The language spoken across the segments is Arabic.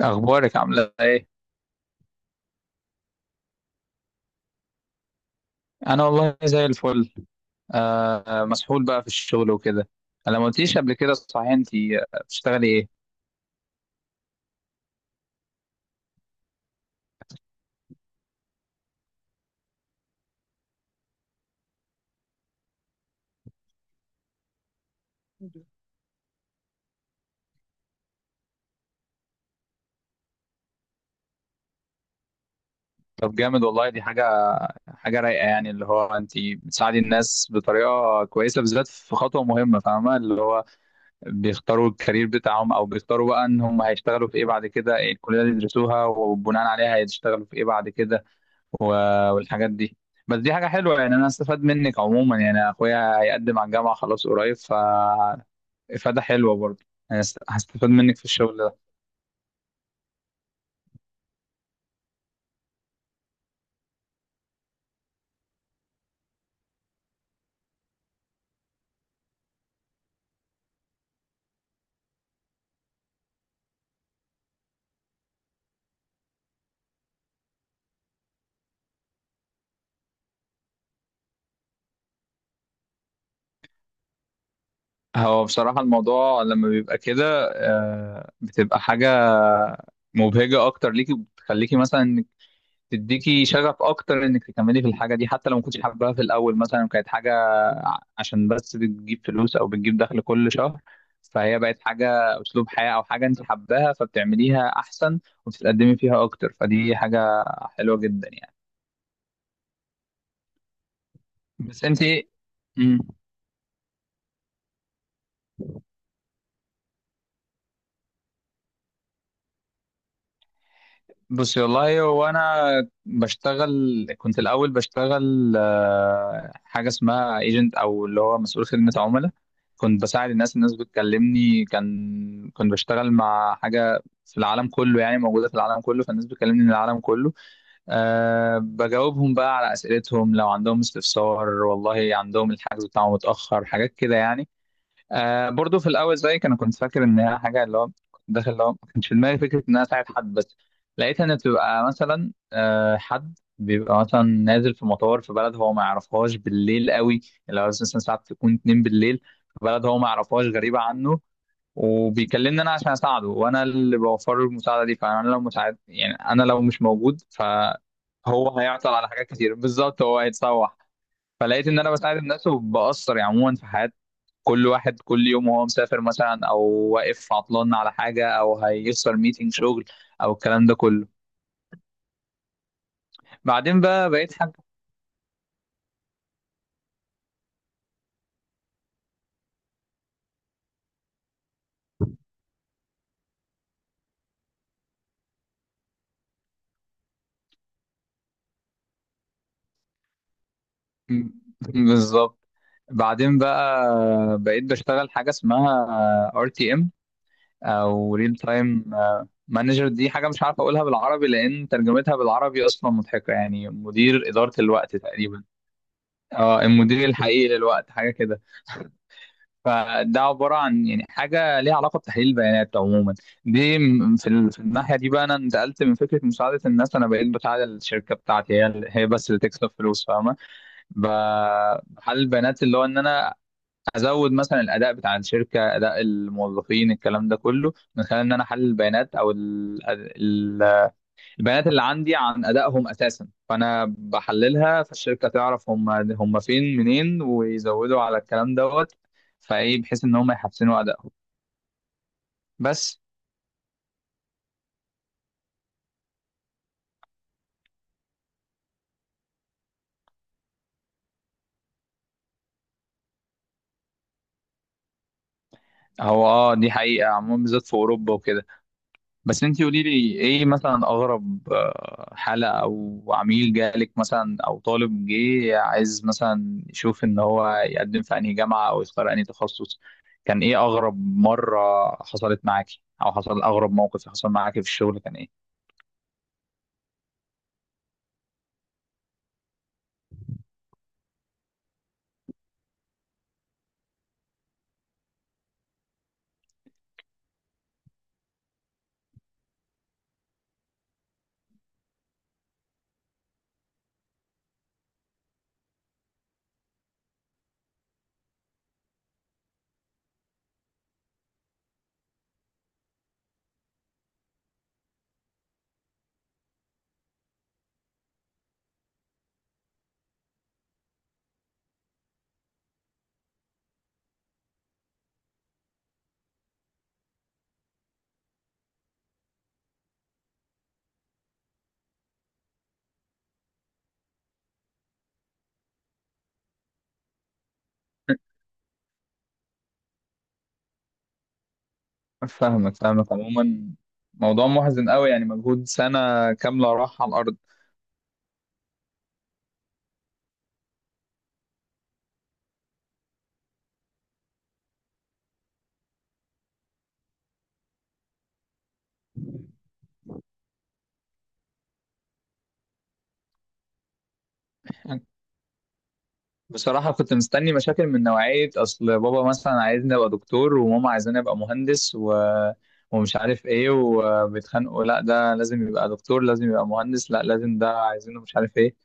أخبارك عاملة إيه؟ أنا والله زي الفل. آه، مسحول بقى في الشغل وكده. أنا ما قلتليش قبل كده، صحيح أنت بتشتغلي إيه؟ طب جامد والله، دي حاجة رايقة يعني، اللي هو أنت بتساعدي الناس بطريقة كويسة، بالذات في خطوة مهمة، فاهمة؟ اللي هو بيختاروا الكارير بتاعهم، او بيختاروا بقى ان هم هيشتغلوا في ايه بعد كده، إيه الكليه اللي يدرسوها وبناء عليها هيشتغلوا في ايه بعد كده والحاجات دي. بس دي حاجه حلوه يعني، انا استفاد منك عموما، يعني اخويا هيقدم على الجامعه خلاص قريب، ف افاده حلوه برضه، يعني هستفاد منك في الشغل ده. هو بصراحه الموضوع لما بيبقى كده، آه، بتبقى حاجه مبهجه اكتر ليكي، بتخليكي مثلا تديكي شغف اكتر انك تكملي في الحاجه دي، حتى لو ما كنتش حاباها في الاول، مثلا كانت حاجه عشان بس بتجيب فلوس او بتجيب دخل كل شهر، فهي بقت حاجه، اسلوب حياه، او حاجه انت حباها فبتعمليها احسن وبتتقدمي فيها اكتر، فدي حاجه حلوه جدا يعني. بس انت إيه؟ مم. بصي والله، هو انا بشتغل، كنت الاول بشتغل حاجه اسمها ايجنت، او اللي هو مسؤول خدمه عملاء، كنت بساعد الناس بتكلمني، كنت بشتغل مع حاجه في العالم كله، يعني موجوده في العالم كله، فالناس بتكلمني من العالم كله. بجاوبهم بقى على اسئلتهم لو عندهم استفسار، والله عندهم الحجز بتاعهم متاخر، حاجات كده يعني. آه، برضو في الاول زيك انا كنت فاكر ان هي حاجه، اللي هو كنت داخل اللي هو ما كانش في دماغي فكره ان انا اساعد حد. بس لقيت ان بتبقى مثلا حد بيبقى مثلا نازل في مطار في بلد هو ما يعرفهاش، بالليل قوي، اللي هو مثلا ساعات تكون 2 بالليل، في بلد هو ما يعرفهاش، غريبه عنه، وبيكلمني انا عشان اساعده، وانا اللي بوفر له المساعده دي. فانا لو مساعد، يعني انا لو مش موجود فهو هيعطل على حاجات كتير، بالظبط هو هيتسوح. فلقيت ان انا بساعد الناس وبأثر يعني عموما في حياه كل واحد كل يوم، وهو مسافر مثلا، او واقف عطلان على حاجه، او هيخسر ميتنج شغل، او الكلام ده كله. بعدين بقى بقيت حاجه. بالظبط. بعدين بقى بقيت بشتغل حاجه اسمها RTM، او ريل تايم مانجر. دي حاجه مش عارف اقولها بالعربي، لان ترجمتها بالعربي اصلا مضحكه، يعني مدير اداره الوقت تقريبا. اه، المدير الحقيقي للوقت، حاجه كده. فده عباره عن يعني حاجه ليها علاقه بتحليل البيانات عموما. دي م- في ال- في الناحيه دي بقى انا انتقلت من فكره مساعده الناس، انا بقيت بساعد الشركه بتاعتي، هي بس اللي تكسب فلوس، فاهمه؟ بحلل البيانات، اللي هو ان انا ازود مثلا الاداء بتاع الشركه، اداء الموظفين، الكلام ده كله، من خلال ان انا احلل البيانات او البيانات اللي عندي عن ادائهم اساسا، فانا بحللها، فالشركه تعرف هم هم فين منين، ويزودوا على الكلام دوت فايه، بحيث ان هم يحسنوا ادائهم. بس هو دي حقيقه عموما، بالذات في اوروبا وكده. بس انتي قولي لي ايه مثلا اغرب حاله او عميل جالك مثلا، او طالب جه عايز مثلا يشوف ان هو يقدم في انهي جامعه، او يختار انهي تخصص، كان ايه اغرب مره حصلت معاكي، او حصل اغرب موقف حصل معاكي في الشغل، كان ايه؟ فاهمك فاهمك عموما، موضوع محزن قوي يعني، مجهود سنة كاملة راح على الأرض. بصراحة كنت مستني مشاكل من نوعية أصل بابا مثلا عايزني أبقى دكتور، وماما عايزاني أبقى مهندس، و... ومش عارف إيه، وبيتخانقوا، لا ده لازم يبقى دكتور، لازم يبقى مهندس، لا لازم ده، عايزينه مش عارف إيه.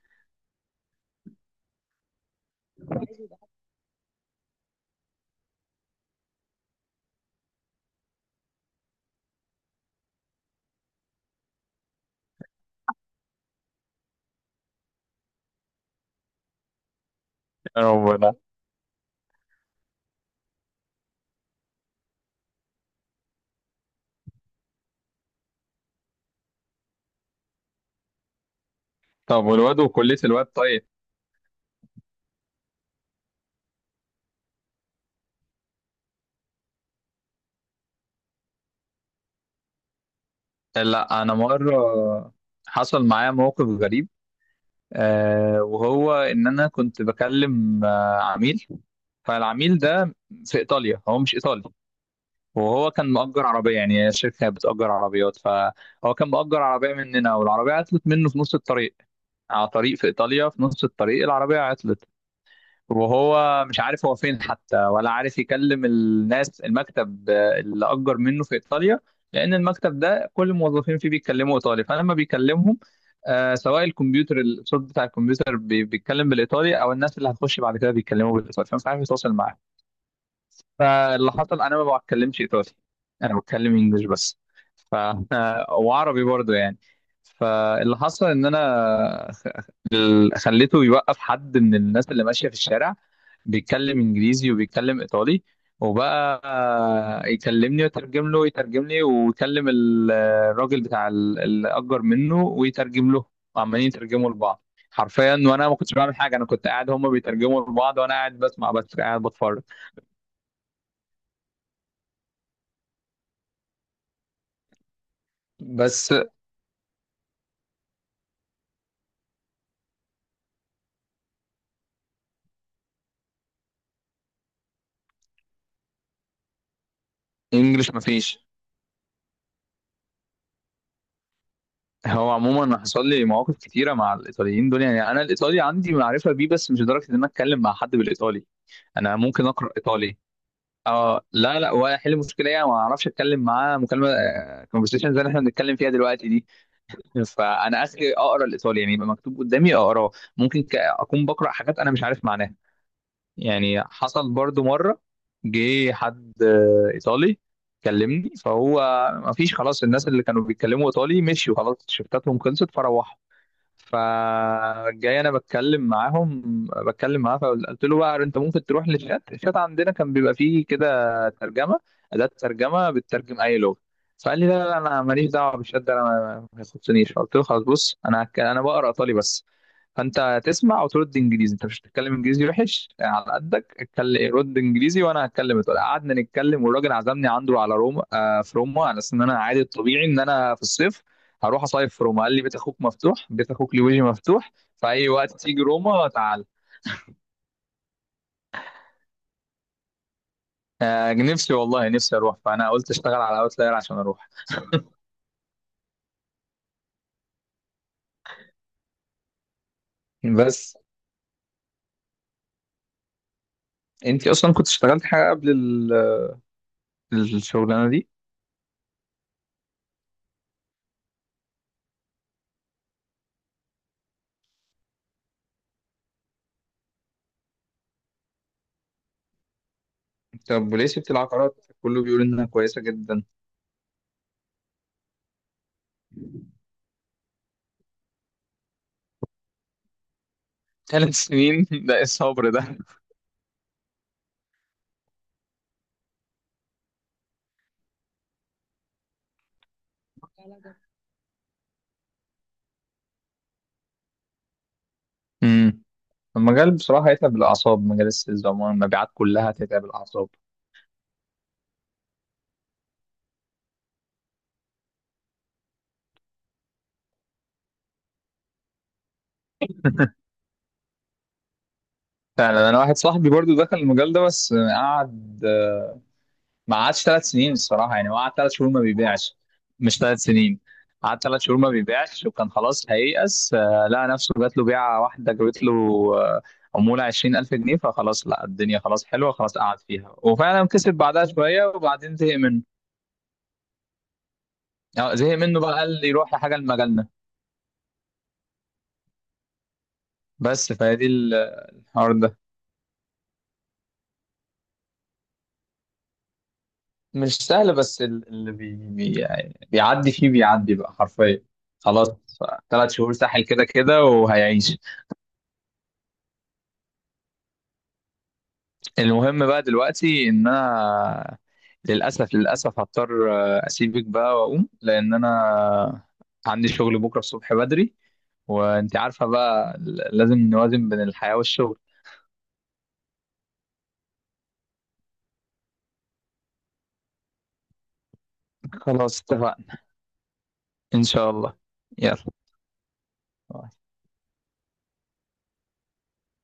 يا ربنا. طب والواد، وكلية الواد طيب؟ لا أنا مرة حصل معايا موقف غريب، آه، وهو إن أنا كنت بكلم عميل. فالعميل ده في ايطاليا، هو مش ايطالي، وهو كان مأجر عربية، يعني الشركة بتأجر عربيات، فهو كان مأجر عربية مننا، والعربية عطلت منه في نص الطريق، على طريق في ايطاليا، في نص الطريق العربية عطلت، وهو مش عارف هو فين حتى، ولا عارف يكلم الناس، المكتب اللي أجر منه في ايطاليا، لأن المكتب ده كل الموظفين فيه بيتكلموا ايطالي، فلما بيكلمهم آه، سواء الكمبيوتر الصوت بتاع الكمبيوتر بيتكلم بالايطالي، او الناس اللي هتخش بعد كده بيتكلموا بالايطالي، فمش عارف يتواصل معاه. فاللي حصل، انا ما بتكلمش ايطالي، انا بتكلم انجلش بس، ف وعربي برضو يعني. فاللي حصل ان انا خليته يوقف حد من الناس اللي ماشيه في الشارع، بيتكلم انجليزي وبيتكلم ايطالي، وبقى يكلمني ويترجم له ويترجم لي، ويكلم الراجل بتاع اللي اجر منه ويترجم له، وعمالين يترجموا لبعض حرفيا، وانا ما كنتش بعمل حاجه، انا كنت قاعد هما بيترجموا لبعض وانا قاعد بسمع بس، قاعد بتفرج. بس انجلش مفيش. هو عموما أنا حصل لي مواقف كتيره مع الايطاليين دول، يعني انا الايطالي عندي معرفه بيه، بس مش لدرجه ان انا اتكلم مع حد بالايطالي. انا ممكن اقرا ايطالي. اه لا لا، ولا احل مشكله يعني، ما اعرفش اتكلم معاه مكالمه، كونفرسيشن زي اللي احنا بنتكلم فيها دلوقتي دي. فانا اخري اقرا الايطالي، يعني يبقى مكتوب قدامي اقراه، ممكن اكون بقرا حاجات انا مش عارف معناها. يعني حصل برضو مرة، جه حد إيطالي كلمني، فهو ما فيش خلاص، الناس اللي كانوا بيتكلموا إيطالي مشيوا خلاص، شفتاتهم خلصت فروحوا، فجاي أنا بتكلم معاهم، بتكلم معاه، فقلت له بقى، أنت ممكن تروح للشات، الشات عندنا كان بيبقى فيه كده ترجمة، أداة ترجمة بتترجم أي لغة. فقال لي لا لا لا، أنا ماليش دعوة بالشات، ما يخصنيش. قلت له خلاص، بص انا انا بقرا ايطالي بس، فانت تسمع وترد انجليزي، انت مش هتتكلم انجليزي وحش يعني، على قدك اتكلم، رد انجليزي وانا هتكلم ايطالي. قعدنا نتكلم، والراجل عزمني عنده على روما، آه، في روما، على اساس ان انا عادي الطبيعي ان انا في الصيف هروح اصيف في روما، قال لي بيت اخوك مفتوح، بيت اخوك لويجي مفتوح في اي وقت تيجي روما تعال. آه، نفسي والله نفسي اروح، فانا قلت اشتغل على اوتلاير عشان اروح. بس انت اصلا كنت اشتغلت حاجه قبل الشغلانه دي. طب وليه سبت العقارات؟ كله بيقول انها كويسه جدا. 3 سنين ده ايه الصبر ده؟ امم. المجال بصراحه هيتعب الاعصاب، مجال السيلز عموما، المبيعات كلها هتتعب الاعصاب. فعلا، انا واحد صاحبي برضو دخل المجال ده بس قعد، ما قعدش 3 سنين الصراحه، يعني هو قعد 3 شهور ما بيبيعش، مش 3 سنين، قعد ثلاث شهور ما بيبيعش، وكان خلاص هييأس، لقى نفسه جات له بيعه واحده، جابت له آه، عموله 20,000 جنيه، فخلاص لا، الدنيا خلاص حلوه، خلاص قعد فيها، وفعلا كسب بعدها شويه وبعدين زهق منه. زهق منه بقى قال لي روح لحاجه، لمجالنا. بس فهي دي الحوار ده مش سهل، بس اللي بي بي يعني بيعدي فيه، بيعدي بقى حرفيا، خلاص 3 شهور ساحل كده كده، وهيعيش. المهم بقى دلوقتي ان انا للاسف للاسف هضطر اسيبك بقى واقوم، لان انا عندي شغل بكره الصبح بدري، وانت عارفه بقى، لازم نوازن بين الحياه والشغل. خلاص اتفقنا. ان شاء الله. يلا.